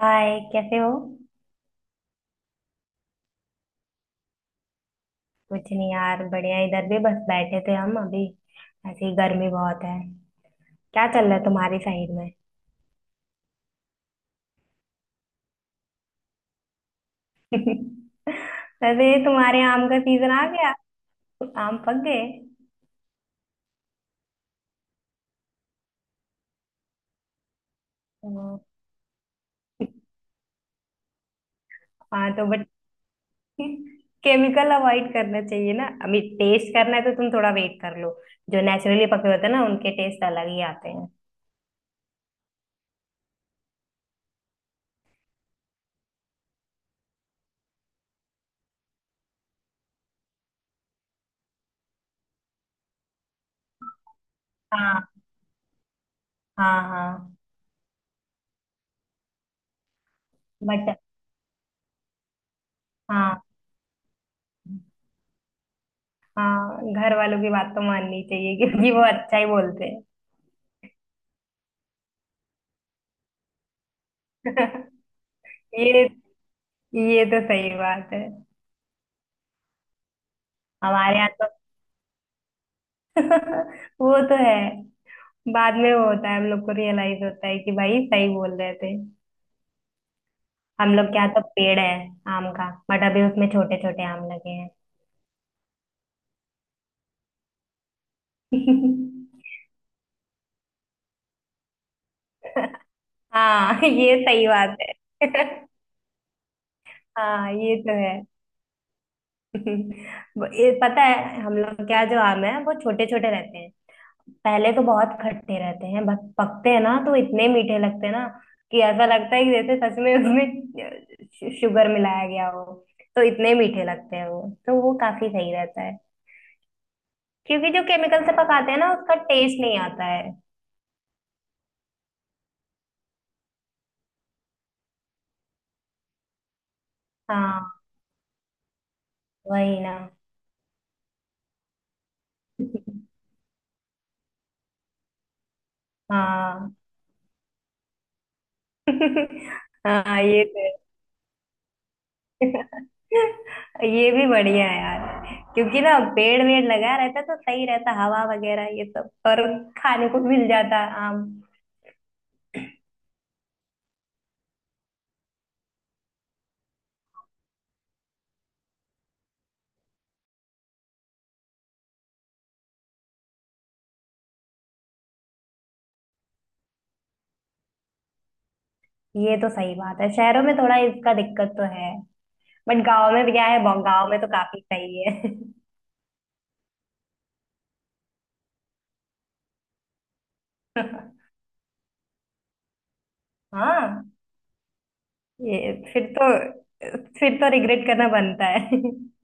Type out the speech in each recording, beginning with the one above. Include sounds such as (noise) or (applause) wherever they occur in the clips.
हाय, कैसे हो? कुछ नहीं यार, बढ़िया। इधर भी बस बैठे थे हम अभी, ऐसे ही। गर्मी बहुत है। क्या चल रहा है तुम्हारी साइड में? (laughs) वैसे तुम्हारे आम का सीजन आ गया? आम पक गए? तो- हाँ, तो बट केमिकल अवॉइड (laughs) करना चाहिए ना। अभी टेस्ट करना है तो तुम थोड़ा वेट कर लो। जो नेचुरली पके होते हैं ना, उनके टेस्ट अलग ही आते हैं। हाँ, हाँ। हाँ बट। हाँ, हाँ, घर वालों की बात तो माननी चाहिए क्योंकि वो अच्छा ही बोलते हैं। (laughs) ये ये तो सही बात है। हमारे यहाँ तो (laughs) वो तो है। बाद में वो होता है, हम लोग को रियलाइज होता है कि भाई सही बोल रहे थे। हम लोग क्या, तो पेड़ है आम का, बट अभी उसमें छोटे छोटे आम लगे हैं। (laughs) हाँ, ये सही बात है। (laughs) हाँ, ये तो है। (laughs) ये पता है, हम लोग क्या, जो आम है वो छोटे छोटे रहते हैं। पहले तो बहुत खट्टे रहते हैं, बस पकते हैं ना तो इतने मीठे लगते हैं ना, कि ऐसा लगता है कि जैसे सच में उसमें शुगर मिलाया गया हो। तो इतने मीठे लगते हैं वो, तो वो काफी सही रहता है, क्योंकि जो केमिकल से पकाते हैं ना उसका टेस्ट नहीं आता है। हाँ, वही ना। हाँ। (laughs) हाँ, ये तो है। (laughs) ये भी बढ़िया है यार, क्योंकि ना पेड़ वेड़ लगा रहता तो सही रहता, हवा वगैरह ये सब, और खाने को मिल जाता आम। ये तो सही बात है, शहरों में थोड़ा इसका दिक्कत तो है। बट गांव में भी क्या है, गांव में तो काफी सही है। (laughs) हाँ, ये फिर तो रिग्रेट करना बनता है। (laughs)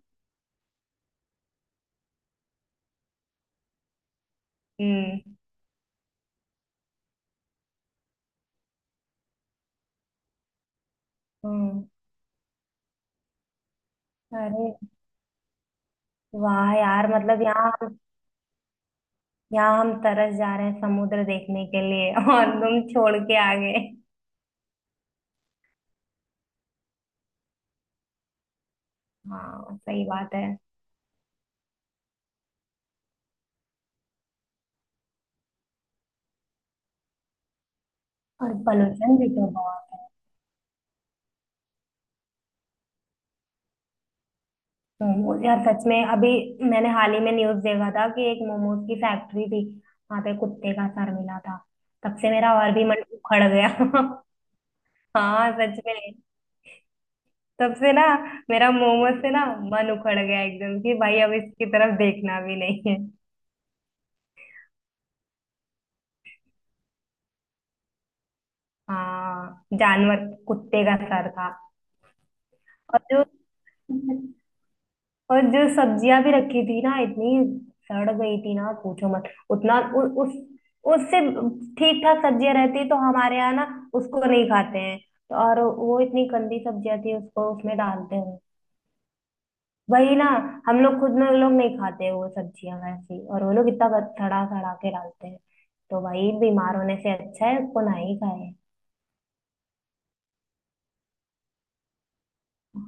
हम्म, हम्म। अरे वाह यार, मतलब यहाँ हम तरस जा रहे हैं समुद्र देखने के लिए (laughs) और तुम छोड़ के आ गए। हाँ, सही बात है। और पोल्यूशन भी तो बहुत। मोमोज यार, सच में अभी मैंने हाल ही में न्यूज देखा था कि एक मोमोज की फैक्ट्री थी, वहां पे कुत्ते का सर मिला था। तब से मेरा और भी मन उखड़ गया। (laughs) हाँ, सच में। तब से ना मेरा मोमोज से ना मन उखड़ गया एकदम कि भाई अब इसकी तरफ देखना भी नहीं है। हाँ जानवर, कुत्ते का सर था। और जो और जो सब्जियां भी रखी थी ना इतनी, सड़ गई थी ना पूछो मत। उतना उ, उस उससे। ठीक ठाक सब्जियां रहती तो हमारे यहाँ ना उसको नहीं खाते हैं। और वो इतनी गंदी सब्जियां थी उसको उसमें डालते हैं। वही ना। हम लोग खुद में लोग नहीं खाते वो सब्जियां वैसी, और वो लोग इतना सड़ा सड़ा के डालते हैं। तो वही, बीमार होने से अच्छा है उसको ना ही खाए।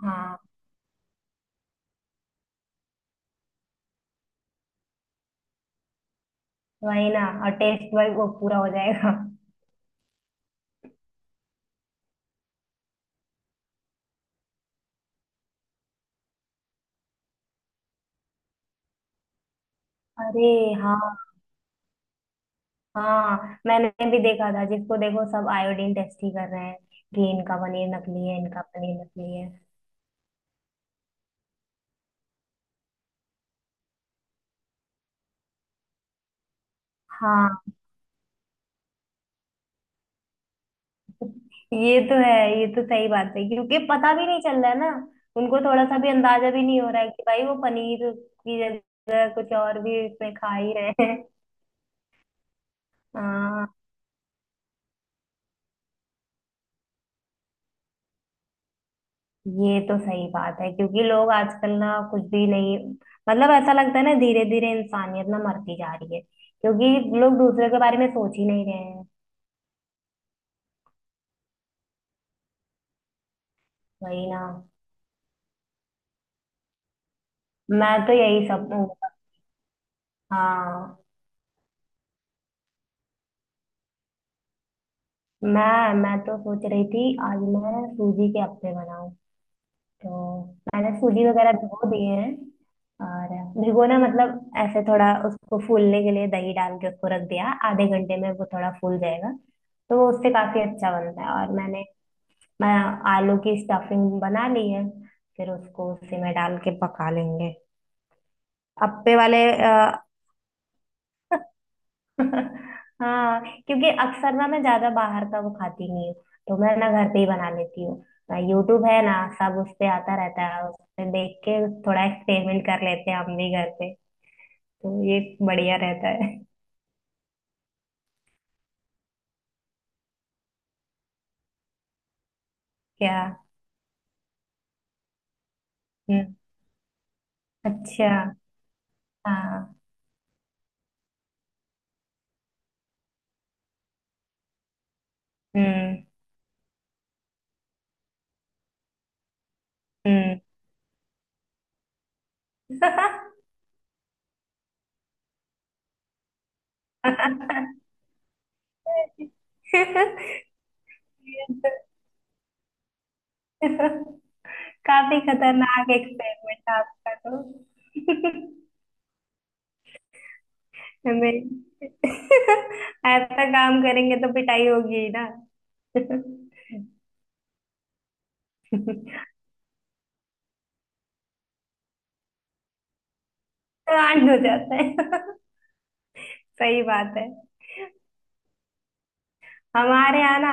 हाँ, वही ना, और टेस्ट वही वो पूरा हो जाएगा। अरे हाँ, हाँ, मैंने भी देखा था, जिसको देखो सब आयोडीन टेस्ट ही कर रहे हैं कि इनका पनीर नकली है, इनका पनीर नकली है। हाँ, ये तो है। ये तो सही बात है क्योंकि पता भी नहीं चल रहा है ना, उनको थोड़ा सा भी अंदाजा भी नहीं हो रहा है कि भाई वो पनीर की जगह कुछ और भी इसमें खा ही रहे हैं। हाँ, ये तो सही बात है क्योंकि लोग आजकल ना कुछ भी नहीं। मतलब ऐसा लगता है ना, धीरे धीरे इंसानियत ना मरती जा रही है, क्योंकि लोग दूसरे के बारे में सोच ही नहीं रहे हैं। वही ना। मैं तो यही सब। हाँ, मैं तो सोच रही थी आज मैं सूजी के अप्पे बनाऊं, तो मैंने सूजी वगैरह भिगो दिए हैं। और भिगोना मतलब ऐसे, थोड़ा उसको फूलने के लिए दही डाल के उसको रख दिया, आधे घंटे में वो थोड़ा फूल जाएगा। तो वो उससे काफी अच्छा बनता है, और मैंने, मैं आलू की स्टफिंग बना ली है, फिर उसको उसी में डाल के पका लेंगे। अप्पे वाले। (laughs) हाँ, क्योंकि अक्सर ना मैं ज्यादा बाहर का वो खाती नहीं हूँ, तो मैं ना घर पे ही बना लेती हूँ। ना, यूट्यूब है ना, सब उस पे आता रहता है, उस पे देख के थोड़ा एक्सपेरिमेंट कर लेते हैं हम भी घर पे। तो ये बढ़िया रहता है। (laughs) क्या? हम्म। अच्छा। हाँ। हम्म, हम्म। (laughs) ये तो- (laughs) काफी खतरनाक एक्सपेरिमेंट आपका तो। (laughs) हमें (laughs) ऐसा काम करेंगे तो पिटाई होगी ही ना। (laughs) तो आंट हो जाता है। (laughs) सही बात है। हमारे यहाँ ना,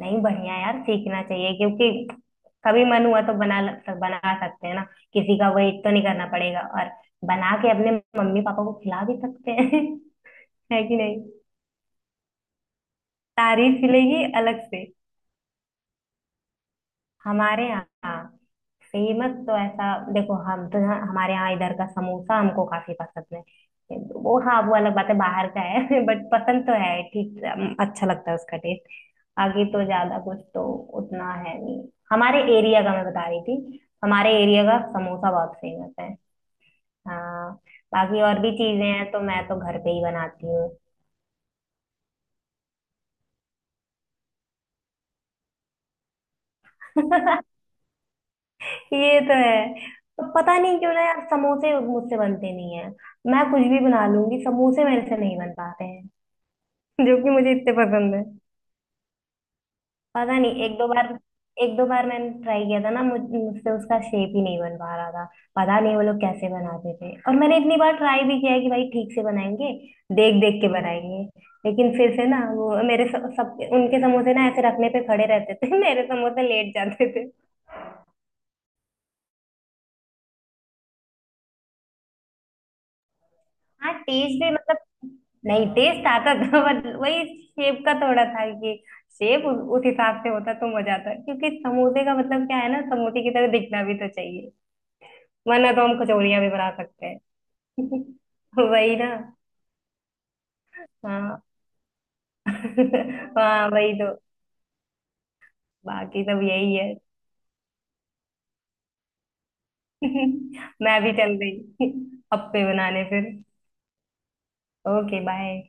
नहीं, बढ़िया यार, सीखना चाहिए, क्योंकि कभी मन हुआ तो बना बना सकते हैं ना, किसी का वेट तो नहीं करना पड़ेगा, और बना के अपने मम्मी पापा को खिला भी सकते हैं। (laughs) है कि नहीं? तारीफ मिलेगी अलग से। हमारे यहाँ फेमस तो ऐसा, देखो, हम तो हमारे यहाँ इधर का समोसा हमको काफी पसंद है। वो हाँ, वो अलग बात है बाहर का है, (laughs) बट पसंद तो है ठीक, अच्छा लगता है उसका टेस्ट। आगे तो ज्यादा कुछ तो उतना है नहीं। हमारे एरिया का, मैं बता रही थी, हमारे एरिया का समोसा बहुत फेमस है। हाँ, बाकी और भी चीजें हैं तो मैं तो घर पे ही बनाती हूँ। (laughs) ये तो है। पर पता नहीं क्यों ना यार, समोसे मुझसे बनते नहीं है। मैं कुछ भी बना लूंगी, समोसे मेरे से नहीं बन पाते हैं। (laughs) जो कि मुझे इतने पसंद है। पता नहीं, एक दो बार मैंने ट्राई किया था ना, मुझसे उसका शेप ही नहीं बन पा रहा था। पता नहीं वो लोग कैसे बनाते थे, और मैंने इतनी बार ट्राई भी किया है कि भाई ठीक से बनाएंगे, देख देख के बनाएंगे, लेकिन फिर से ना वो मेरे सब उनके समोसे ना ऐसे रखने पे खड़े रहते थे, (laughs) मेरे समोसे लेट जाते। हाँ, टेस्ट भी मतलब, नहीं, टेस्ट आता था, (laughs) बट वही, शेप का थोड़ा था कि, शेप उस हिसाब से होता तो मजा आता, क्योंकि समोसे का मतलब क्या है ना, समोसे की तरह दिखना भी तो चाहिए। वरना तो हम कचौड़ियाँ भी बना सकते हैं। (laughs) वही ना। हाँ। (laughs) हाँ, वही तो। बाकी सब यही है। (laughs) मैं भी चल रही। (laughs) अप्पे बनाने फिर। Okay, bye.